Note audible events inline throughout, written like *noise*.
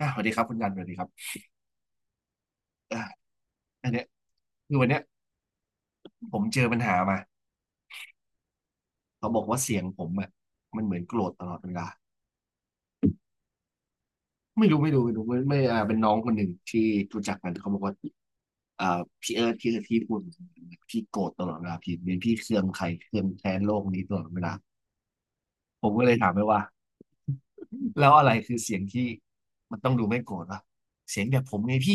อ่ะสวัสดีครับคุณกันสวัสดีครับอ่าอันเนี้ยคือวันเนี้ยผมเจอปัญหามาเขาบอกว่าเสียงผมอ่ะมันเหมือนโกรธตลอดเวลาไม่รู้ไม่รู้ไม่รู้ไม่ไม่อ่าเป็นน้องคนหนึ่งที่รู้จักกันเขาบอกว่าอ่าพี่เอิร์ธพี่ที่พูดพี่โกรธตลอดเวลาพี่เป็นพี่เครืองใครเครืองแค้นโลกนี้ตลอดเวลาผมก็เลยถามไปว่าแล้วอะไรคือเสียงที่มันต้องดูไม่โกรธวะเสียงแบบผมไงพี่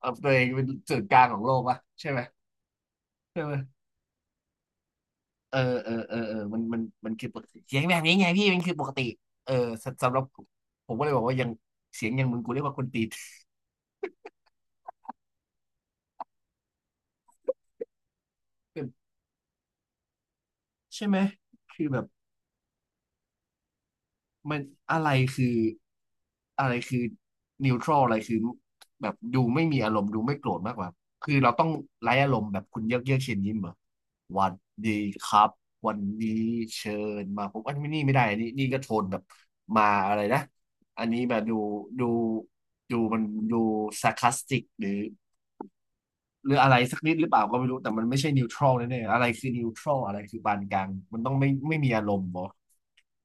เอาตัวเองเป็นศูนย์กลางของโลกวะใช่ไหมใช่ไหม เออเออมันคือปกติเสียงแบบนี้ไงพี่มันคือปกติเออสำหรับผมผมก็เลยบอกว่ายังเสียงอย่างมึงกูเรียกว่าคนตีน *laughs* ใช่ไหมคือแบบ มันอะไรคืออะไรคือนิวทรัลอะไรคือแบบดูไม่มีอารมณ์ดูไม่โกรธมากกว่าคือเราต้องไร้อารมณ์แบบคุณเยือกเยือกเชิญยิ้มเหรอหวันดีครับวันนี้เชิญมาผมอันนี้ไม่ได้อันนี้นี่ก็โทนแบบมาอะไรนะอันนี้แบบดูดูดูมันดูซ a r c ค s สติกหรือ หรืออะไรสักนิดหรือเปล่าก็ไม่รู้แต่มันไม่ใช่นิวทรัลแน่ๆอะไรคือนิวทรัลอะไรคือปานกลางมันต้องไม่มีอารมณ์บอ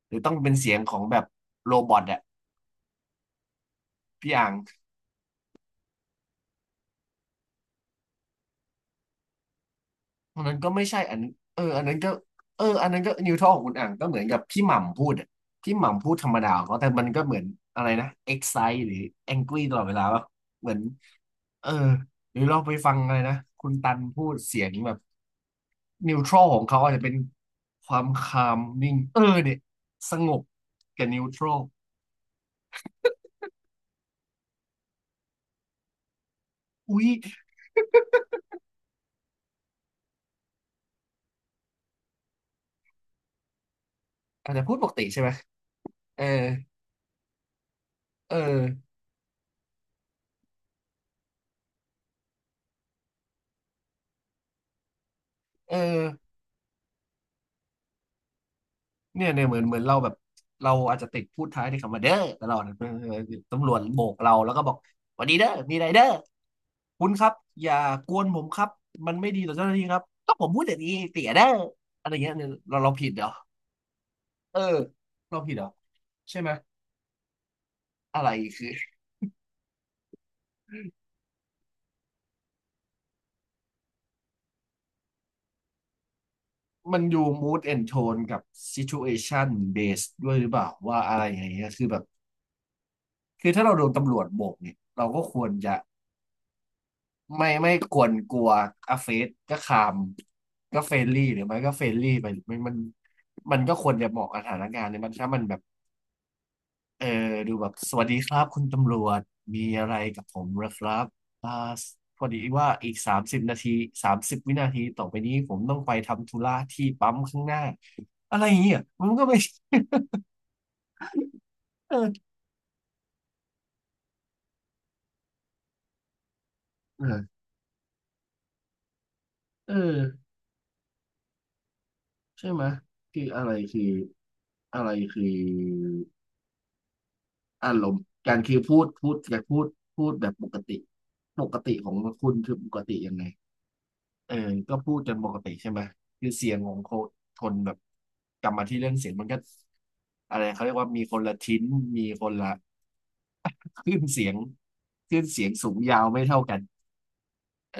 หรือต้องเป็นเสียงของแบบโรบอทอะพี่อ่างอันนั้นก็ไม่ใช่อันเอออันนั้นก็เอออันนั้นก็นิวทรัลของคุณอ่างก็เหมือนกับพี่หม่ำพูดอะพี่หม่ำพูดธรรมดาของเขาแต่มันก็เหมือนอะไรนะ excite หรือ angry ตลอดเวลาป่ะเหมือนเออหรือเราไปฟังอะไรนะคุณตันพูดเสียงแบบ นิวทร a ลของเขาอาจจะเป็นความคามนิ่งเออเนี่ยสงบกับนิวทร a ลอุ๊ยอาจจะพูดปกติใช่ไหมเออเออเออเนี่ยเหมือนเราแบบเราอาจจะติดพูดท้ายในคำว่าเด้อตลอดเออตำรวจโบกเราแล้วก็บอกสวัสดีเด้อมีอะไรเด้อคุณครับอย่ากวนผมครับมันไม่ดีต่อเจ้าหน้าที่ครับก็ผมพูดอย่างนี้เตี่ยเด้ออะไรเงี้ยเนี่ยเราผิดเหรอเออเราผิดเหรอใช่ไหมอะไรคือ มันอยู่ mood and tone กับ situation based ด้วยหรือเปล่าว่าอะไรอย่างเงี้ยคือแบบคือถ้าเราโดนตำรวจโบกเนี่ยเราก็ควรจะไม่ควรกลัวอาเฟสก็คามก็เฟรนลี่หรือไม่ก็เฟรนลี่ไปมันมันก็ควรจะเหมาะกับสถานการณ์เนี่ยมันถ้ามันแบบเออดูแบบสวัสดีครับคุณตำรวจมีอะไรกับผมเหรอครับอ่าพอดีว่าอีก30 นาที30 วินาทีต่อไปนี้ผมต้องไปทำธุระที่ปั๊มข้างหน้าอะไรอย่างเงี้ยมันก็ไม่ *laughs* เออเออเออใช่ไหมยคืออะไรคืออะไรคืออารมณ์การคือพูดการพูดพูดแบบปกติปกติของคุณคือปกติยังไงเออก็พูดจนปกติใช่ไหมยคือเสียงของคนคนแบบกลับมาที่เรื่องเสียงมันก็อะไรเขาเรียกว่ามีคนละทิ้น มีคนละ *laughs* คลื่นเสียงคลื่นเสียงสูงยาวไม่เท่ากันเออ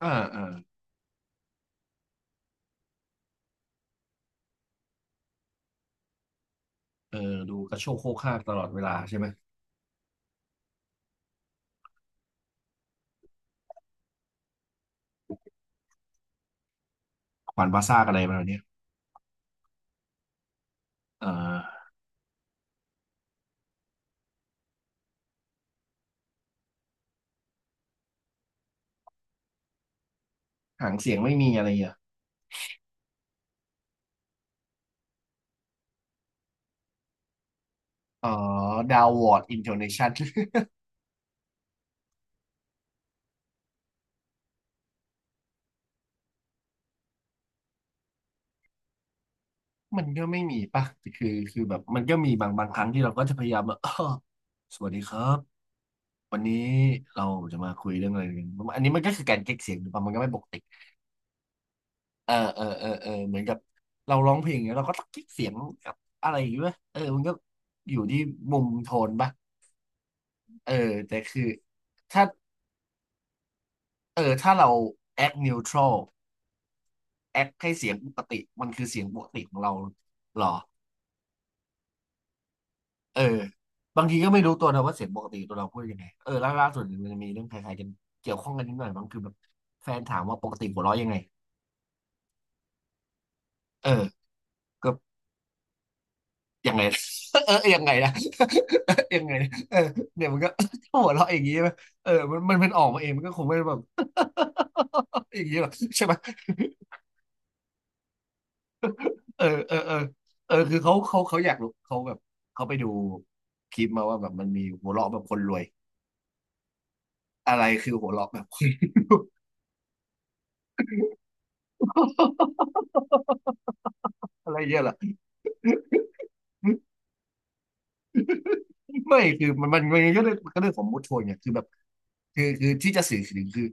อ่าอ่าเออดูกระโชกโคกฮากตลอดเวลาใช่ไหมขวานพาซ่ากอะไรมาเนี้ย เอ่อหางเสียงไม่มีอะไรอ่ะอ๋อดาววอร์ดอินโทเนชัน *laughs* มันก็ไม่มีป่ะคือคือแบบมันก็มีบางครั้งที่เราก็จะพยายามแบบ *laughs* *coughs* สวัสดีครับวันนี้เราจะมาคุยเรื่องอะไรกันอันนี้มันก็คือการเก๊กเสียงหรือเปล่ามันก็ไม่ปกติเออเหมือนกับเราร้องเพลงเนี่ยเราก็ต้องเก๊กเสียงกับอะไรอยู่างงี้ป่ะเออมันก็อยู่ที่มุมโทนป่ะเออแต่คือถ้าเออถ้าเรา act neutral act ให้เสียงปกติมันคือเสียงปกติของเราเหรอ เออบางทีก็ไม่รู้ตัวนะว่าเสียงปกติตัวเราพูดยังไงเออล่าสุดมันจะมีเรื่องคล้ายๆกันเกี่ยวข้องกันนิดหน่อยมั้งคือแบบแฟนถามว่าปกติหัวเราะยังไงเออก็ยังไง *laughs* เออยังไงนะ *laughs* ยังไงเออเนี่ยมันก็ *laughs* หัวเราะอย่างนี้ใช่ไหมเออมันเป็นออกมาเองมันก็คงไม่ได้แบบ *laughs* อย่างนี้หรอกใช่ไหม *laughs* เออเออเออเออคือเขาอยากรู้เขาแบบเขาไปดูคลิปมาว่าแบบมันมีหัวเราะแบบคนรวยอะไรคือหัวเราะแบบคนรวย *laughs* อะไรเงี้ยเหรอ ไม่คือมันก็เรื่องของมูดโชนเนี่ยคือแบบคือที่จะสื่อถึงคือ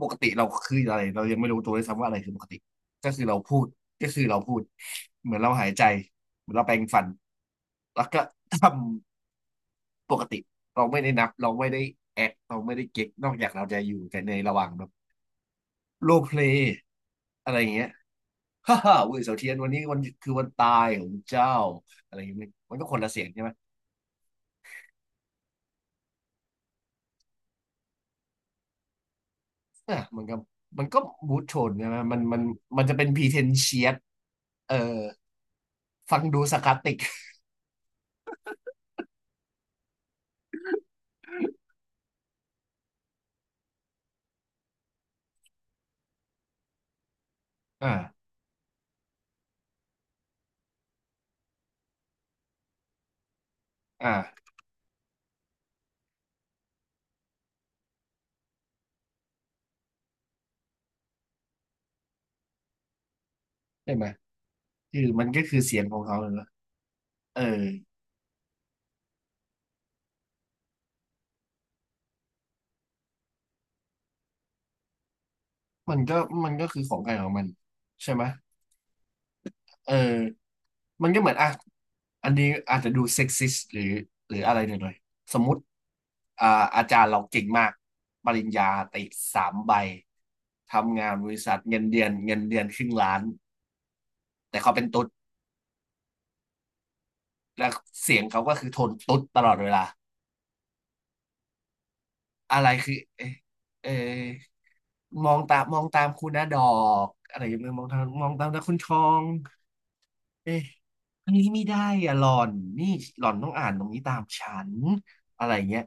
ปกติเราคืออะไรเรายังไม่รู้ตัวด้วยซ้ำว่าอะไรคือปกติก็คือเราพูดก็คือเราพูดเหมือนเราหายใจเหมือนเราแปรงฟันแล้วก็ทำปกติเราไม่ได้นับเราไม่ได้แอคเราไม่ได้เก๊กนอกจากเราจะอยู่กันในระหว่างแบบโรลเพลย์อะไรอย่างเงี้ย *laughs* ฮ่าฮ่าเว้ยเสาเทียนวันนี้วันคือวันตายของเจ้าอะไรอย่างเงี้ยมันก็คนละเสียงใช่ไหม อ่ะมันก็บูทโทนใช่ไหมมันมันจะเป็นพ e ีเทนเชียตเออฟังดูสารคาสติกอ่าอ่าใช่ไหมคือมันก็คือเสียงของเขาเลยนะเออมันก็มันก็คือของใครของมันใช่ไหมเออมันก็เหมือนอ่ะอันนี้อาจจะดูเซ็กซิสหรืออะไรหน่อยๆสมมติอ่าอาจารย์เราเก่งมากปริญญาติ3 ใบทำงานบริษัทเงินเดือน500,000แต่เขาเป็นตุ๊ด แล้วเสียงเขาก็คือโทนตุ๊ดตลอดเวลาอะไรคือเอเอมองตามมองตามคุณนะดอกอะไรอย่างเงี้ยมองตามมองตามนะคุณชองเอ๊ะอันนี้ไม่ได้อะหล่อนนี่หล่อนต้องอ่านตรงนี้ตามฉันอะไรอย่างเงี้ย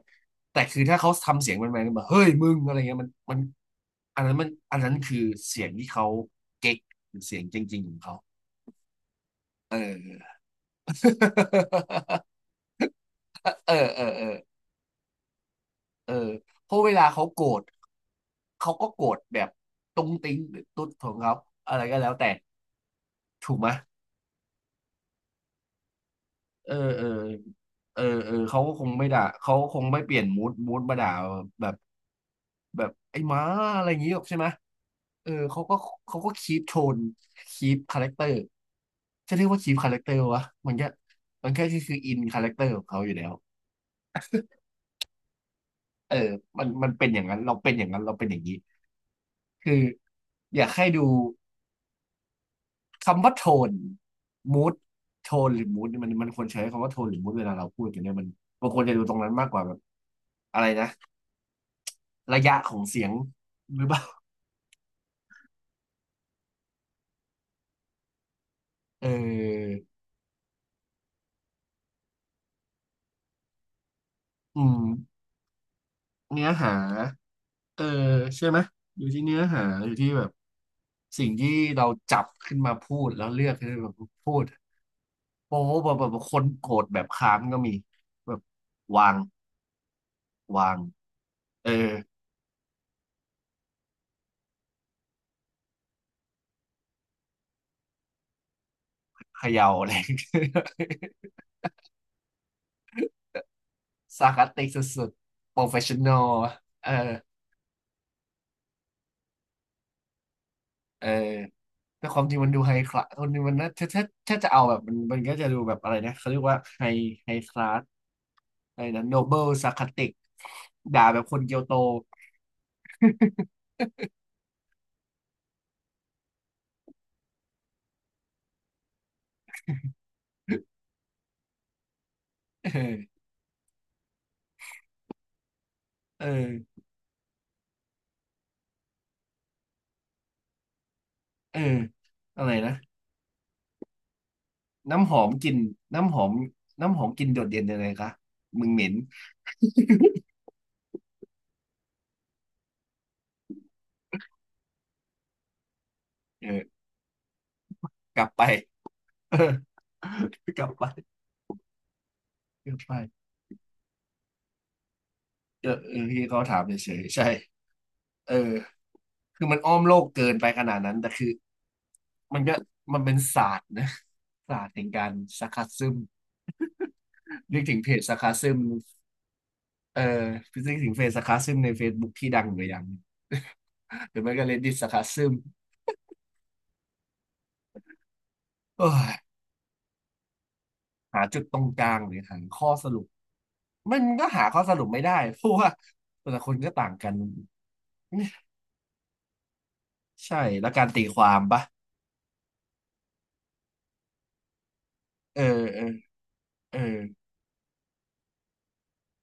แต่คือถ้าเขาทำเสียงแมนๆแบบเฮ้ยมึงอะไรเงี้ยมันอันนั้นคือเสียงที่เขาเก๊กหรือเสียงจริงๆของเขาเออ *laughs* เออเออเออ เออเพราะเวลาเขาโกรธเขาก็โกรธแบบตุ้งติ้งหรือตุ๊ดของเขาอะไรก็แล้วแต่ถูกไหมเออเออเออเออเขาก็คงไม่ด่าเขาคงไม่เปลี่ยนมูดมาด่าแบบแบบไอ้หม้าอะไรอย่างงี้หรอกใช่ไหมเออเขาก็คีปโทนคีปคาแรคเตอร์จะเรียกว่าคีปคาแรคเตอร์วะมันก็มันก็คืออินคาแรคเตอร์ของเขาอยู่แล้วเออมันมันเป็นอย่างนั้นเราเป็นอย่างนั้นเราเป็นอย่างนี้คืออยากให้ดู คำว่าโทนมูดโทนหรือมูดมันมันควรใช้คำว่าโทนหรือมูดเวลาเราพูดกันเนี่ยมันบางคนจะดูตรงนั้นมากกว่าแบบอะไรนะระยะของเสียงหรือเปล่าเอออืมเนื้อหาเออใช่ไหมอยู่ที่เนื้อหาอยู่ที่แบบสิ่งที่เราจับขึ้นมาพูดแล้วเลือกขึ้นมาพูดโป๊ะแบบคนโกรธแบบค้านก็มีแบบวางวางเออเขย่าอะไร ซาร์คาสติกสุดๆโปรเฟชชั่นอลเออเออแต่ความจริงมันดูไฮคลาสคนนี้มันน่าถ้าจะเอาแบบมันก็จะดูแบบอะไรนะเขาเรียกว่าไฮคลาสอะไรนะโนเบิลซาร์คาสติกด่าแบบคนเกียวโต *laughs* เออเออเอออะไรนะน้ำหอมกลิ่นน้ำหอมน้ำหอมกลิ่นโดดเด่นยังไงคะมึงเหม็นเออกลับไป *laughs* เออกลับไปกลับไปเออเออที่เขาถามเฉยๆใช่เออ คือมันอ้อมโลกเกินไปขนาดนั้นแต่คือมันก็มันเป็นศาสตร์นะศาสตร์แห่งการซาร์คาซึมนึกถึงเพจซาร์คาซึมเอ่อนึกถึงเพจซาร์คาซึมใน Facebook ที่ดังอยู่อย่างหนึ่ง *laughs* หรือไม่ก็ Reddit ซาร์คาซึมเอ้ยหาจุดตรงกลางหรือหาข้อสรุปมันก็หาข้อสรุปไม่ได้เพราะว่าแต่ละคนก็ต่างกันใช่แล้วการตีความปะเออเออเออ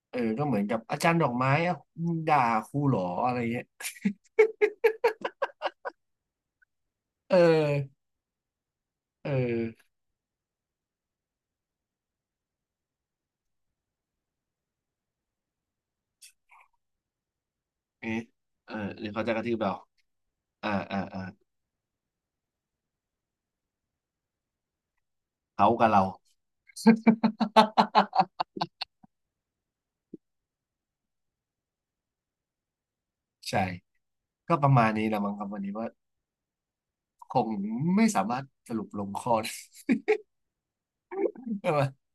เออก็เหมือนกับอาจารย์ดอกไม้อ่ะมึงด่าครูเหรออะไรเงี้ยเออเออ เอ๊ะเออหรือเขาจะกระทืบเราอ่าอ่าอ่าเขากับเรา *laughs* ใช่ก็ประมาณนี้ละมั้งครับวันนี้ว่าคงไม่สามารถสรุปลงข้อได้ *laughs* ว่า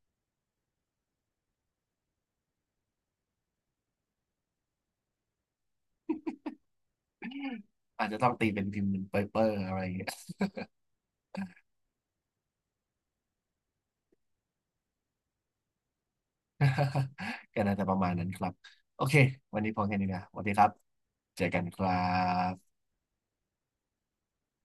อาจจะต้องตีเป็นพิมพ์เป็นเปเปอร์อะไรอย่างเงี้ย *laughs* ก็น่าจะประมาณนั้นครับโอเควันนี้พอแค่นี้นะสวัสดีครับเจอกันครับ